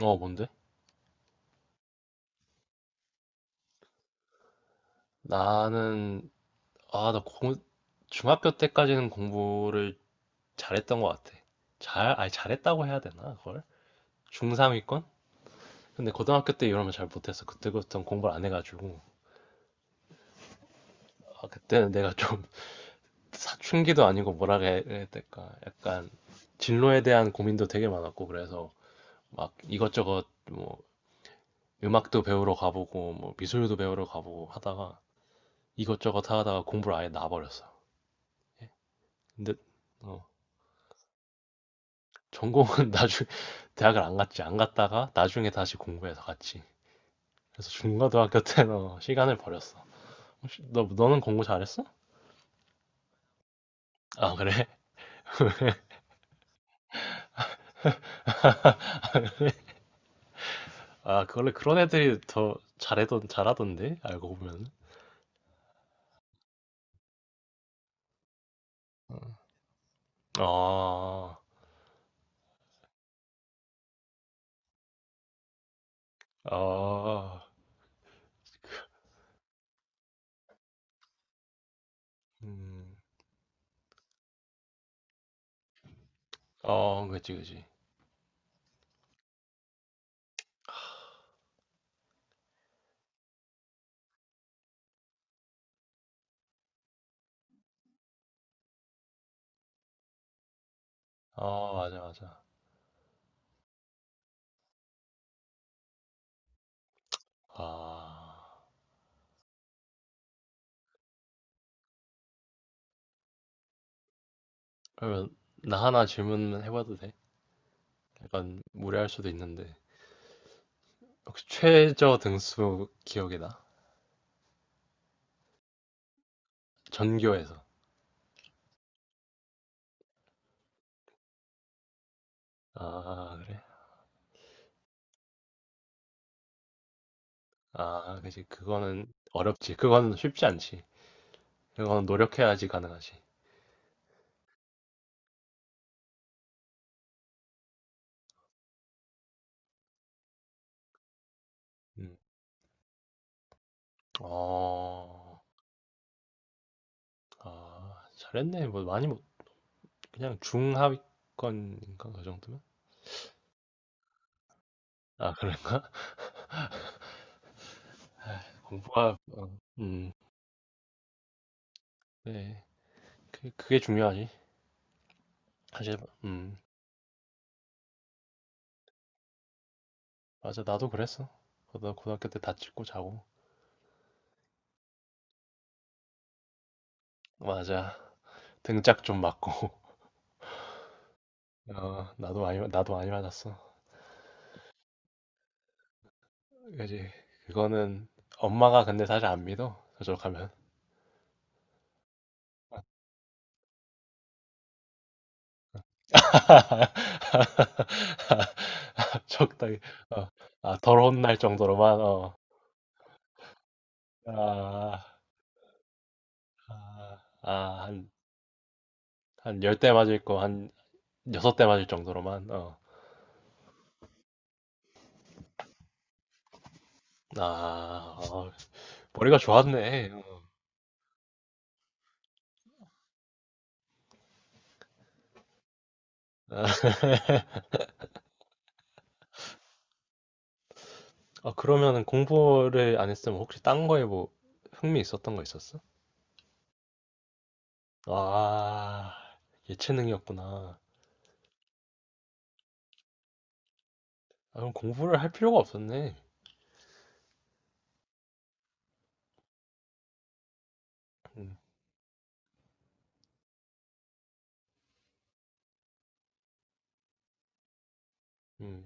어, 뭔데? 나는, 아, 나 공, 중학교 때까지는 공부를 잘했던 것 같아. 잘, 아니, 잘했다고 해야 되나, 그걸? 중3위권? 근데 고등학교 때 이러면 잘 못했어. 그때부터는 공부를 안 해가지고. 아, 그때는 내가 좀 사춘기도 아니고 뭐라 해야 될까. 약간 진로에 대한 고민도 되게 많았고, 그래서 막 이것저것 뭐 음악도 배우러 가보고, 뭐 미술도 배우러 가보고 하다가 이것저것 하다가 공부를 아예 놔버렸어. 예. 근데, 어. 전공은 나중에 대학을 안 갔지. 안 갔다가 나중에 다시 공부해서 갔지. 그래서 중고등학교 때는 시간을 버렸어. 혹시 너 너는 공부 잘했어? 아, 그래? 아, 그 원래 그런 애들이 더 잘해던 잘하던데. 알고 보면. 아. 아. 음. 어, 그치, 그치. 아, 맞아, 맞아. 아. 그러면 나 하나 질문해 봐도 돼? 약간 무례할 수도 있는데. 혹시 최저 등수 기억이 나? 전교에서. 아, 그래. 아, 그지. 그거는 어렵지. 그거는 쉽지 않지. 그거는 노력해야지 가능하지. 음. 어, 아, 잘했네. 뭐 많이 못, 그냥 중하위권인가 그 정도면? 아, 그래. 공부가, 어, 네. 그게 중요하지. 사실, 음, 맞아. 나도 그랬어. 나도 고등학교 때 다치고 자고. 맞아. 등짝 좀 맞고. 어, 나도 많이, 나도 많이 맞았어. 그지. 그거는 엄마가 근데 사실 안 믿어. 저쪽 하면. 적당히. 어. 아 덜 혼날 정도로만. 어. 아. 아. 아 한 한 10대 맞을 거 한 6대 맞을 정도로만. 어. 아. 어 머리가 좋았네. 어. 아 그러면은 공부를 안 했으면 혹시 딴 거에 뭐 흥미 있었던 거 있었어? 아. 예체능이었구나. 아 그럼 공부를 할 필요가 없었네. 음. 음.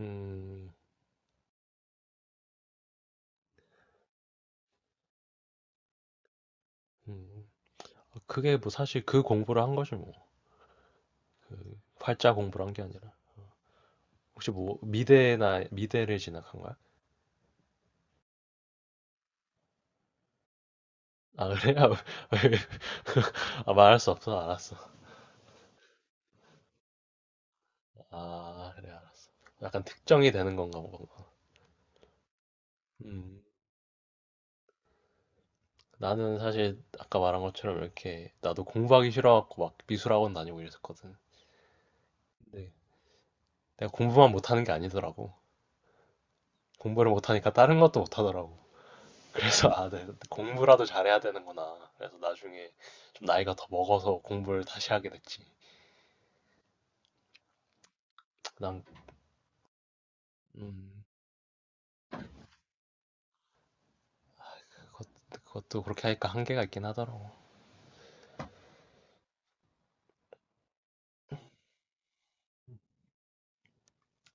음. 음. 그게 뭐 사실 그 공부를 한 거지 뭐. 그 활자 공부를 한 게 아니라. 혹시 뭐 미대나 미대를 진학한 거야? 아 그래? 아, 말할 수 없어 알았어. 아 그래 알았어. 약간 특정이 되는 건가 뭔가. 음 나는 사실 아까 말한 것처럼 이렇게 나도 공부하기 싫어갖고 막 미술학원 다니고 이랬었거든. 근데 내가 공부만 못하는 게 아니더라고. 공부를 못하니까 다른 것도 못하더라고. 그래서 아, 네, 공부라도 잘해야 되는구나. 그래서 나중에 좀 나이가 더 먹어서 공부를 다시 하게 됐지. 그다음 음, 그것, 그것도 그렇게 하니까 한계가 있긴 하더라고.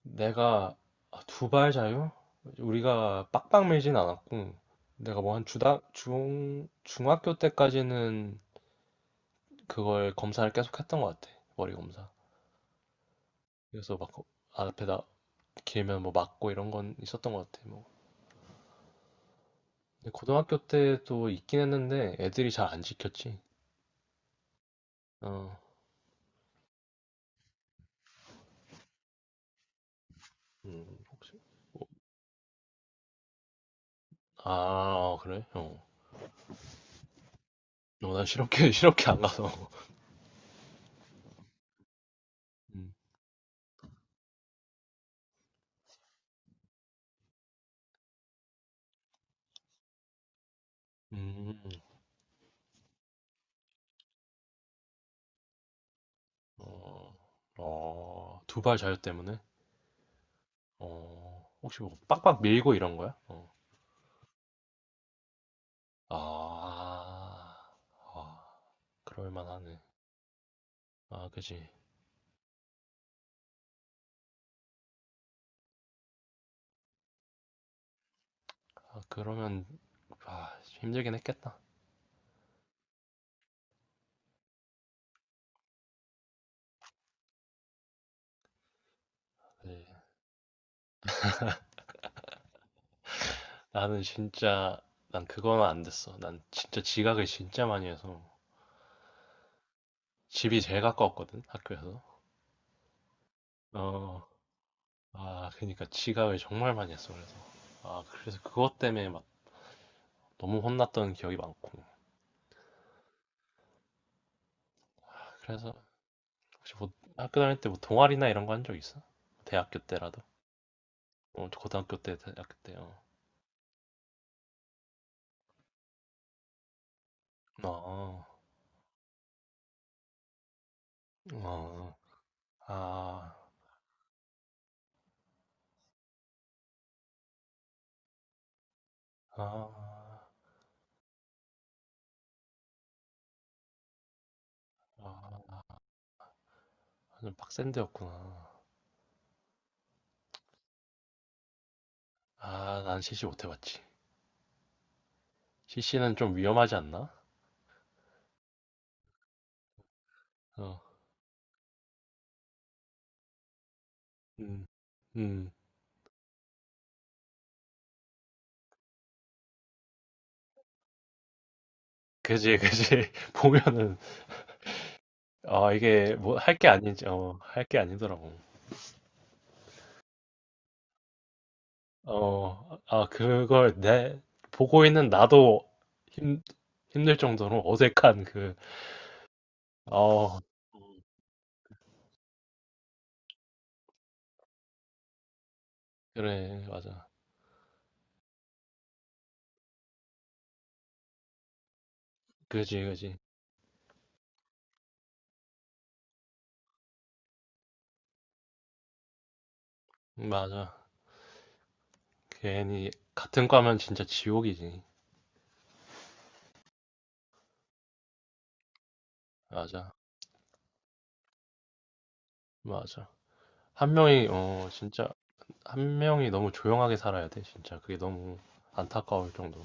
내가 아, 두발 자유 우리가 빡빡 밀진 않았고 내가 뭐 한 주당 중 중학교 때까지는 그걸 검사를 계속 했던 것 같아. 머리 검사. 그래서 막 앞에다 길면 뭐 맞고 이런 건 있었던 것 같아. 뭐 근데 고등학교 때도 있긴 했는데 애들이 잘 안 지켰지. 어. 혹시? 어, 아, 그래? 어. 어, 난 실업계, 실업계 안 가서. 음, 음, 어, 어, 두발 자유 때문에? 어, 혹시 뭐 빡빡 밀고 이런 거야? 어. 아, 아, 그럴 만하네. 아, 그지. 아, 그러면, 힘들긴 했겠다. 그지. 나는 진짜, 난 그거는 안 됐어. 난 진짜 지각을 진짜 많이 해서. 집이 제일 가까웠거든, 학교에서. 어, 아, 그러니까 지각을 정말 많이 했어, 그래서. 아, 그래서 그것 때문에 막 너무 혼났던 기억이 많고. 그래서 혹시 뭐 학교 다닐 때 뭐 동아리나 이런 거 한 적 있어? 대학교 때라도? 어, 고등학교 때, 대학교 때요. 어, 어, 어, 어. 아, 아, 아, 완전 빡센 데였구나. 아, 난 CC 못 해봤지. CC는 좀 위험하지 않나? 어, 음, 음, 그지, 그지. 보면은, 아, 이게 뭐 할 게 아니지, 어, 할 게 아니더라고. 어, 아, 그걸 내, 보고 있는 나도 힘, 힘들 정도로 어색한 그, 어, 그래, 맞아. 그지, 그지. 맞아. 괜히, 같은 과면 진짜 지옥이지. 맞아, 맞아. 한 명이, 어, 진짜, 한 명이 너무 조용하게 살아야 돼, 진짜. 그게 너무 안타까울 정도로.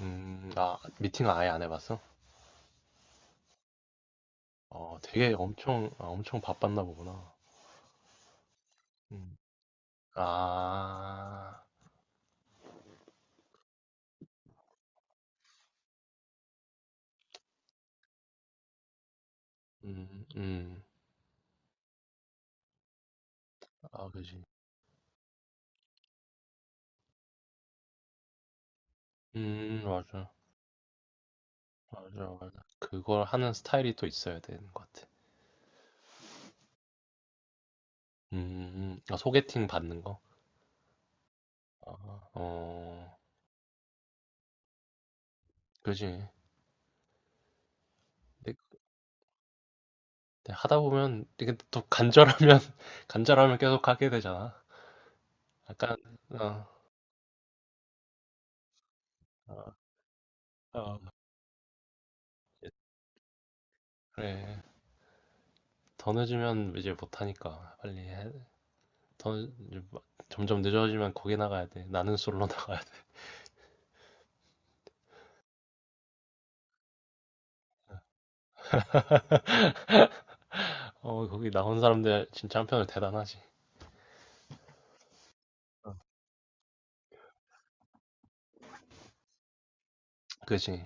아, 미팅 아예 안 해봤어? 어, 되게 엄청, 엄청 바빴나 보구나. 음. 아, 음, 음, 아, 그지. 맞아. 맞아, 맞아. 그걸 하는 스타일이 또 있어야 되는 것 같아. 아, 소개팅 받는 거? 아, 어, 그지. 근데 하다 보면, 이게 또 간절하면, 간절하면 계속 하게 되잖아. 약간, 어, 어, 어. 그래. 더 늦으면 이제 못하니까. 빨리 해. 이제 막 점점 늦어지면 거기 나가야 돼. 나는 솔로 나가야 돼. 어, 거기 나온 사람들 진짜 한편으로 대단하지. 그지.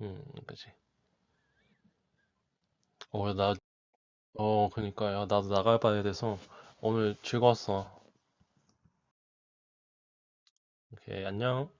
그지. 어, 그니까요. 나도 나가봐야 돼서 오늘 즐거웠어. 오케이, 안녕.